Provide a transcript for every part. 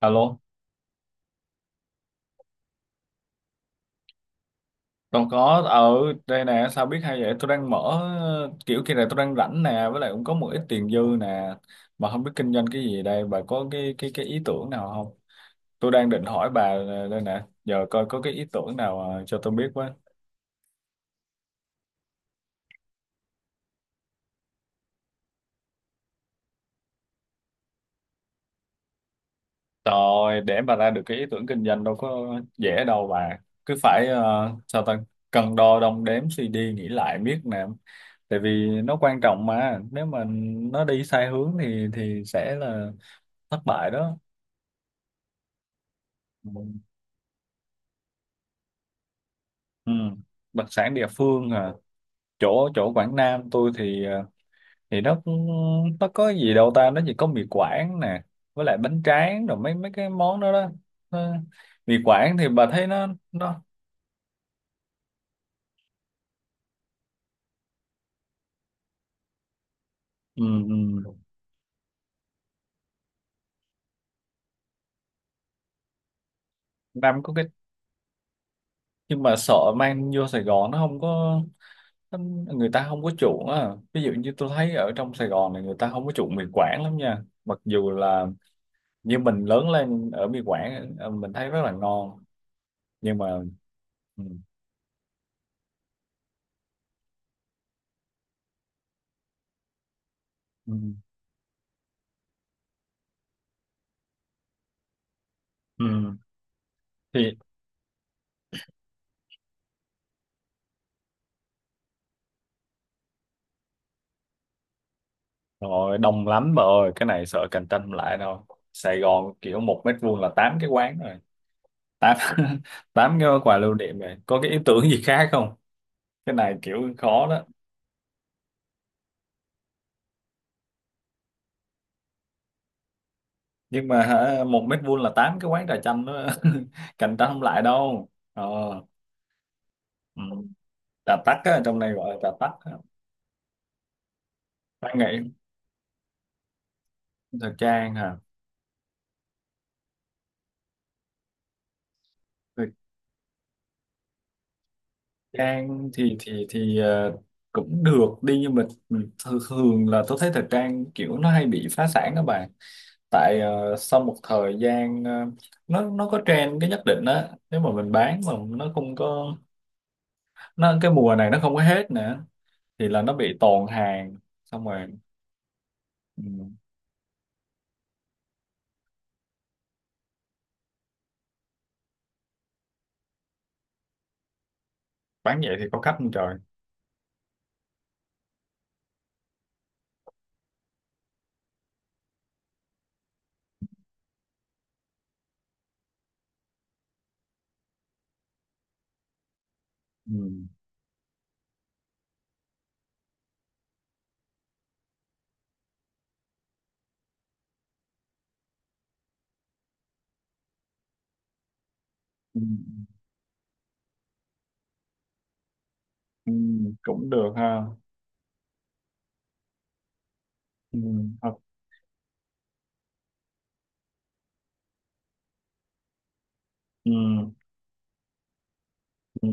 Alo, còn có ở đây nè, sao biết hay vậy? Tôi đang mở kiểu kia này, tôi đang rảnh nè, với lại cũng có một ít tiền dư nè, mà không biết kinh doanh cái gì đây, bà có cái ý tưởng nào không? Tôi đang định hỏi bà, đây nè, giờ coi có cái ý tưởng nào cho tôi biết với. Rồi, để bà ra được cái ý tưởng kinh doanh đâu có dễ đâu bà, cứ phải sao ta cân đo đong đếm suy đi nghĩ lại biết nè, tại vì nó quan trọng mà, nếu mà nó đi sai hướng thì sẽ là thất bại đó. Ừ. Đặc sản địa phương à, chỗ chỗ Quảng Nam tôi thì, thì nó cũng- nó có gì đâu ta, nó chỉ có mì Quảng nè, với lại bánh tráng rồi mấy mấy cái món đó đó. Ờ, mì Quảng thì bà thấy nó ừ, ừ, Nam có cái, nhưng mà sợ mang vô Sài Gòn nó không có, nó- người ta không có chuộng á, ví dụ như tôi thấy ở trong Sài Gòn này người ta không có chuộng mì Quảng lắm nha, mặc dù là như mình lớn lên ở mì Quảng, mình thấy rất là ngon, nhưng mà ừ, ừ. Ừ. Thì rồi đông lắm bà ơi, cái này sợ cạnh tranh không lại đâu. Sài Gòn kiểu một mét vuông là tám cái quán rồi, tám tám cái quà lưu niệm rồi, có cái ý tưởng gì khác không, cái này kiểu khó đó. Nhưng mà hả, một mét vuông là tám cái quán trà chanh đó cạnh tranh không lại đâu. Ờ, ừ. Trà tắc á, trong này gọi là trà tắc á. Văn nghệ, thời trang hả, thời trang thì, cũng được đi nhưng mà thường thường là tôi thấy thời trang kiểu nó hay bị phá sản đó bà, tại, sau một thời gian, nó có trend cái nhất định á, nếu mà mình bán mà nó không có, nó cái mùa này nó không có hết nữa, thì là nó bị tồn hàng xong rồi ừ, bán vậy thì có khách không trời. Ừ, ừ, ừ, cũng được ha. Ừ, hoặc- ừ, ừ.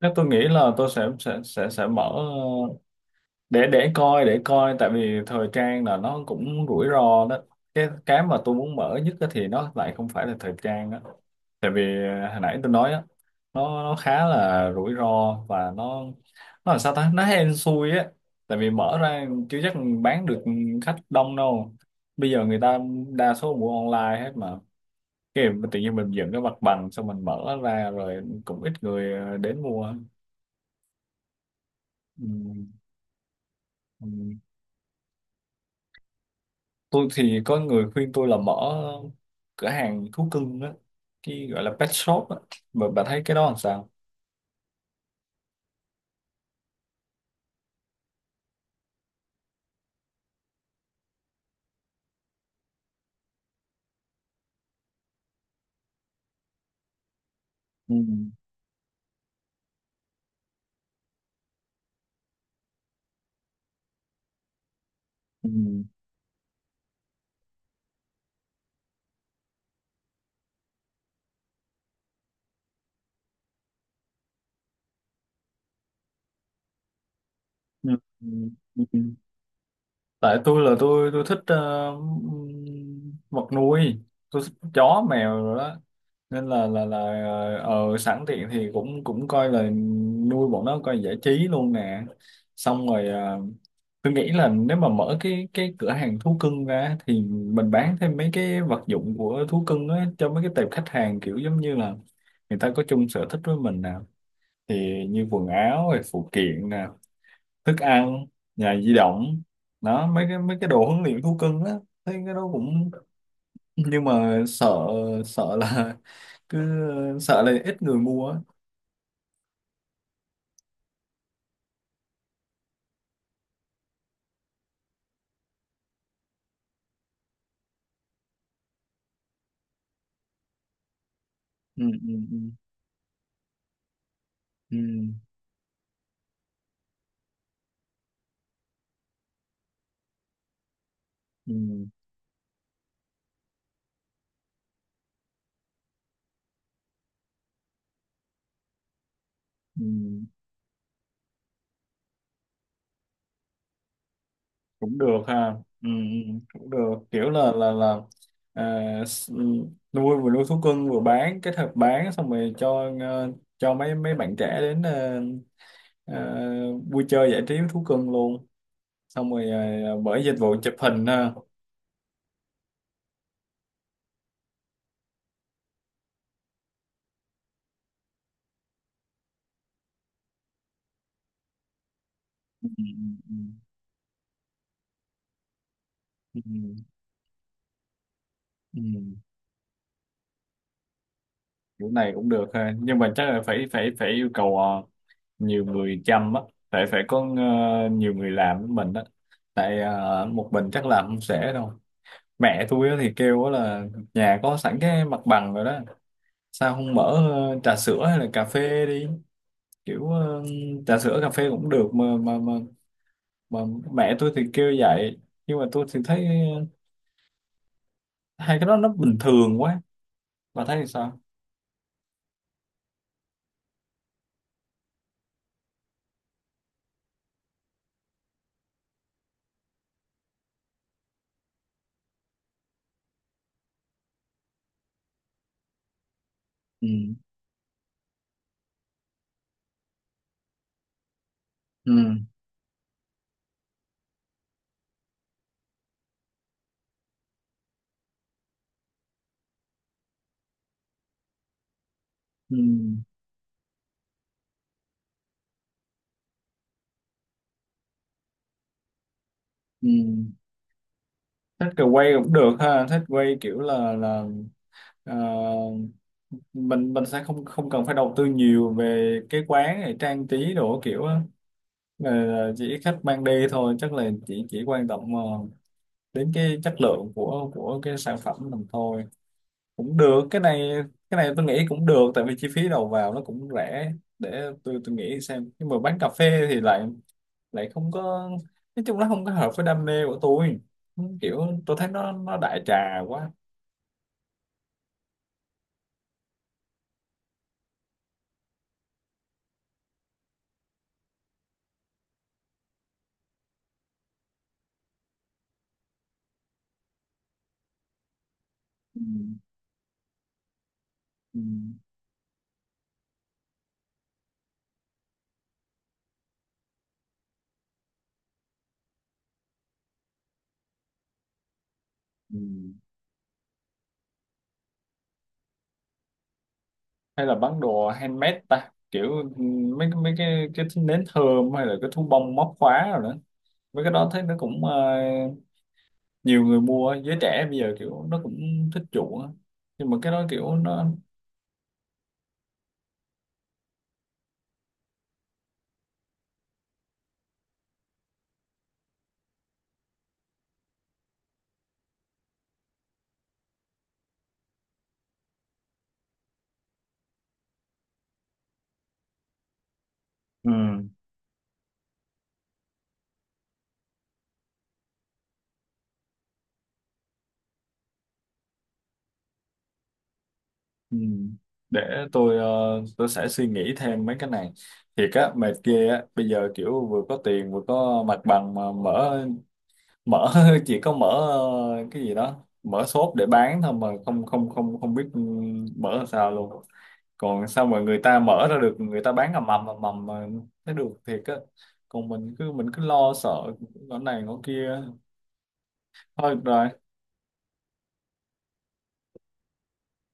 Nếu tôi nghĩ là tôi sẽ mở để coi, để coi, tại vì thời trang là nó cũng rủi ro đó. Cái mà tôi muốn mở nhất á thì nó lại không phải là thời trang đó, tại vì, hồi nãy tôi nói á, nó khá là rủi ro và nó là sao ta, nó hên xui á, tại vì mở ra chưa chắc bán được, khách đông đâu, bây giờ người ta đa số mua online hết mà, cái mà tự nhiên mình dựng cái mặt bằng xong mình mở ra rồi cũng ít người đến mua. Ừ. Ừ. Tôi thì có người khuyên tôi là mở cửa hàng thú cưng á, cái gọi là pet shop á, mà bà thấy cái đó làm sao. Ừ. Ừ. Ừ. Ừ, ừ. Tại tôi là tôi thích vật nuôi, tôi thích chó mèo rồi đó, nên là là ờ, ờ, sẵn tiện thì cũng cũng coi là nuôi bọn nó coi giải trí luôn nè. Xong rồi ờ, tôi nghĩ là nếu mà mở cái cửa hàng thú cưng ra thì mình bán thêm mấy cái vật dụng của thú cưng á, cho mấy cái tệp khách hàng kiểu giống như là người ta có chung sở thích với mình nè, thì như quần áo rồi phụ kiện nè, thức ăn, nhà di động, đó mấy cái đồ huấn luyện thú cưng á, thấy cái đó cũng, nhưng mà sợ, sợ là cứ sợ là ít người mua á. Ừ, ừ, ừ, ừ, ừ, ừ. Cũng được ha. Ừ, ừ, cũng được, kiểu là là à, ừ, nuôi, vừa nuôi thú cưng vừa bán kết hợp bán, xong rồi cho cho mấy mấy bạn trẻ đến ờ, ờ, vui chơi giải trí với thú cưng luôn. Xong rồi ờ, ờ, bởi dịch vụ chụp hình ha. Ừ, ừ, ừ, ừ, ừ. Ừ. Kiểu này cũng được ha, nhưng mà chắc là phải phải phải yêu cầu nhiều người chăm á, phải phải có nhiều người làm với mình á, tại, một mình chắc làm không sẽ đâu. Mẹ tôi á thì kêu á là nhà có sẵn cái mặt bằng rồi đó, sao không mở trà sữa hay là cà phê đi, kiểu trà sữa cà phê cũng được mà mà mẹ tôi thì kêu vậy nhưng mà tôi thì thấy hai cái đó nó bình thường quá, bà thấy thì sao. Ừ, ừ, ừ, ừ. Thích kiểu quay cũng được ha, thích quay kiểu là là ờ, mình sẽ không, không cần phải đầu tư nhiều về cái quán này trang trí đồ kiểu á. Ờ, chỉ khách mang đi thôi, chắc là chỉ quan tâm đến cái chất lượng của cái sản phẩm mình thôi. Cũng được, cái này, cái này tôi nghĩ cũng được tại vì chi phí đầu vào nó cũng rẻ, để tôi nghĩ xem. Nhưng mà bán cà phê thì lại lại không có, nói chung nó không có hợp với đam mê của tôi, kiểu tôi thấy nó đại trà quá. Ừ. Ừ. Ừ. Hay là bán đồ handmade ta, kiểu ừ, mấy mấy cái nến thơm, hay là cái thú bông móc khóa rồi nữa, mấy cái đó thấy nó cũng nhiều người mua, giới trẻ bây giờ kiểu nó cũng thích chuộng á, nhưng mà cái đó kiểu nó ừ. Ừ. Để tôi tôi sẽ suy nghĩ thêm mấy cái này. Thiệt á mệt ghê á, bây giờ kiểu vừa có tiền vừa có mặt bằng mà mở, mở chỉ có mở cái gì đó, mở shop để bán thôi mà không không không không biết ừ, mở làm sao luôn. Còn sao mà người ta mở ra được, người ta bán ầm ầm mà thấy được thiệt á, còn mình cứ lo sợ ngõ này ngõ kia, thôi được rồi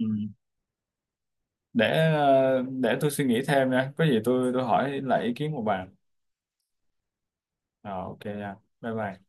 ừ. Để để tôi suy nghĩ thêm nha, có gì tôi hỏi lại ý kiến của bà. Ờ, ok anh. Bye bye.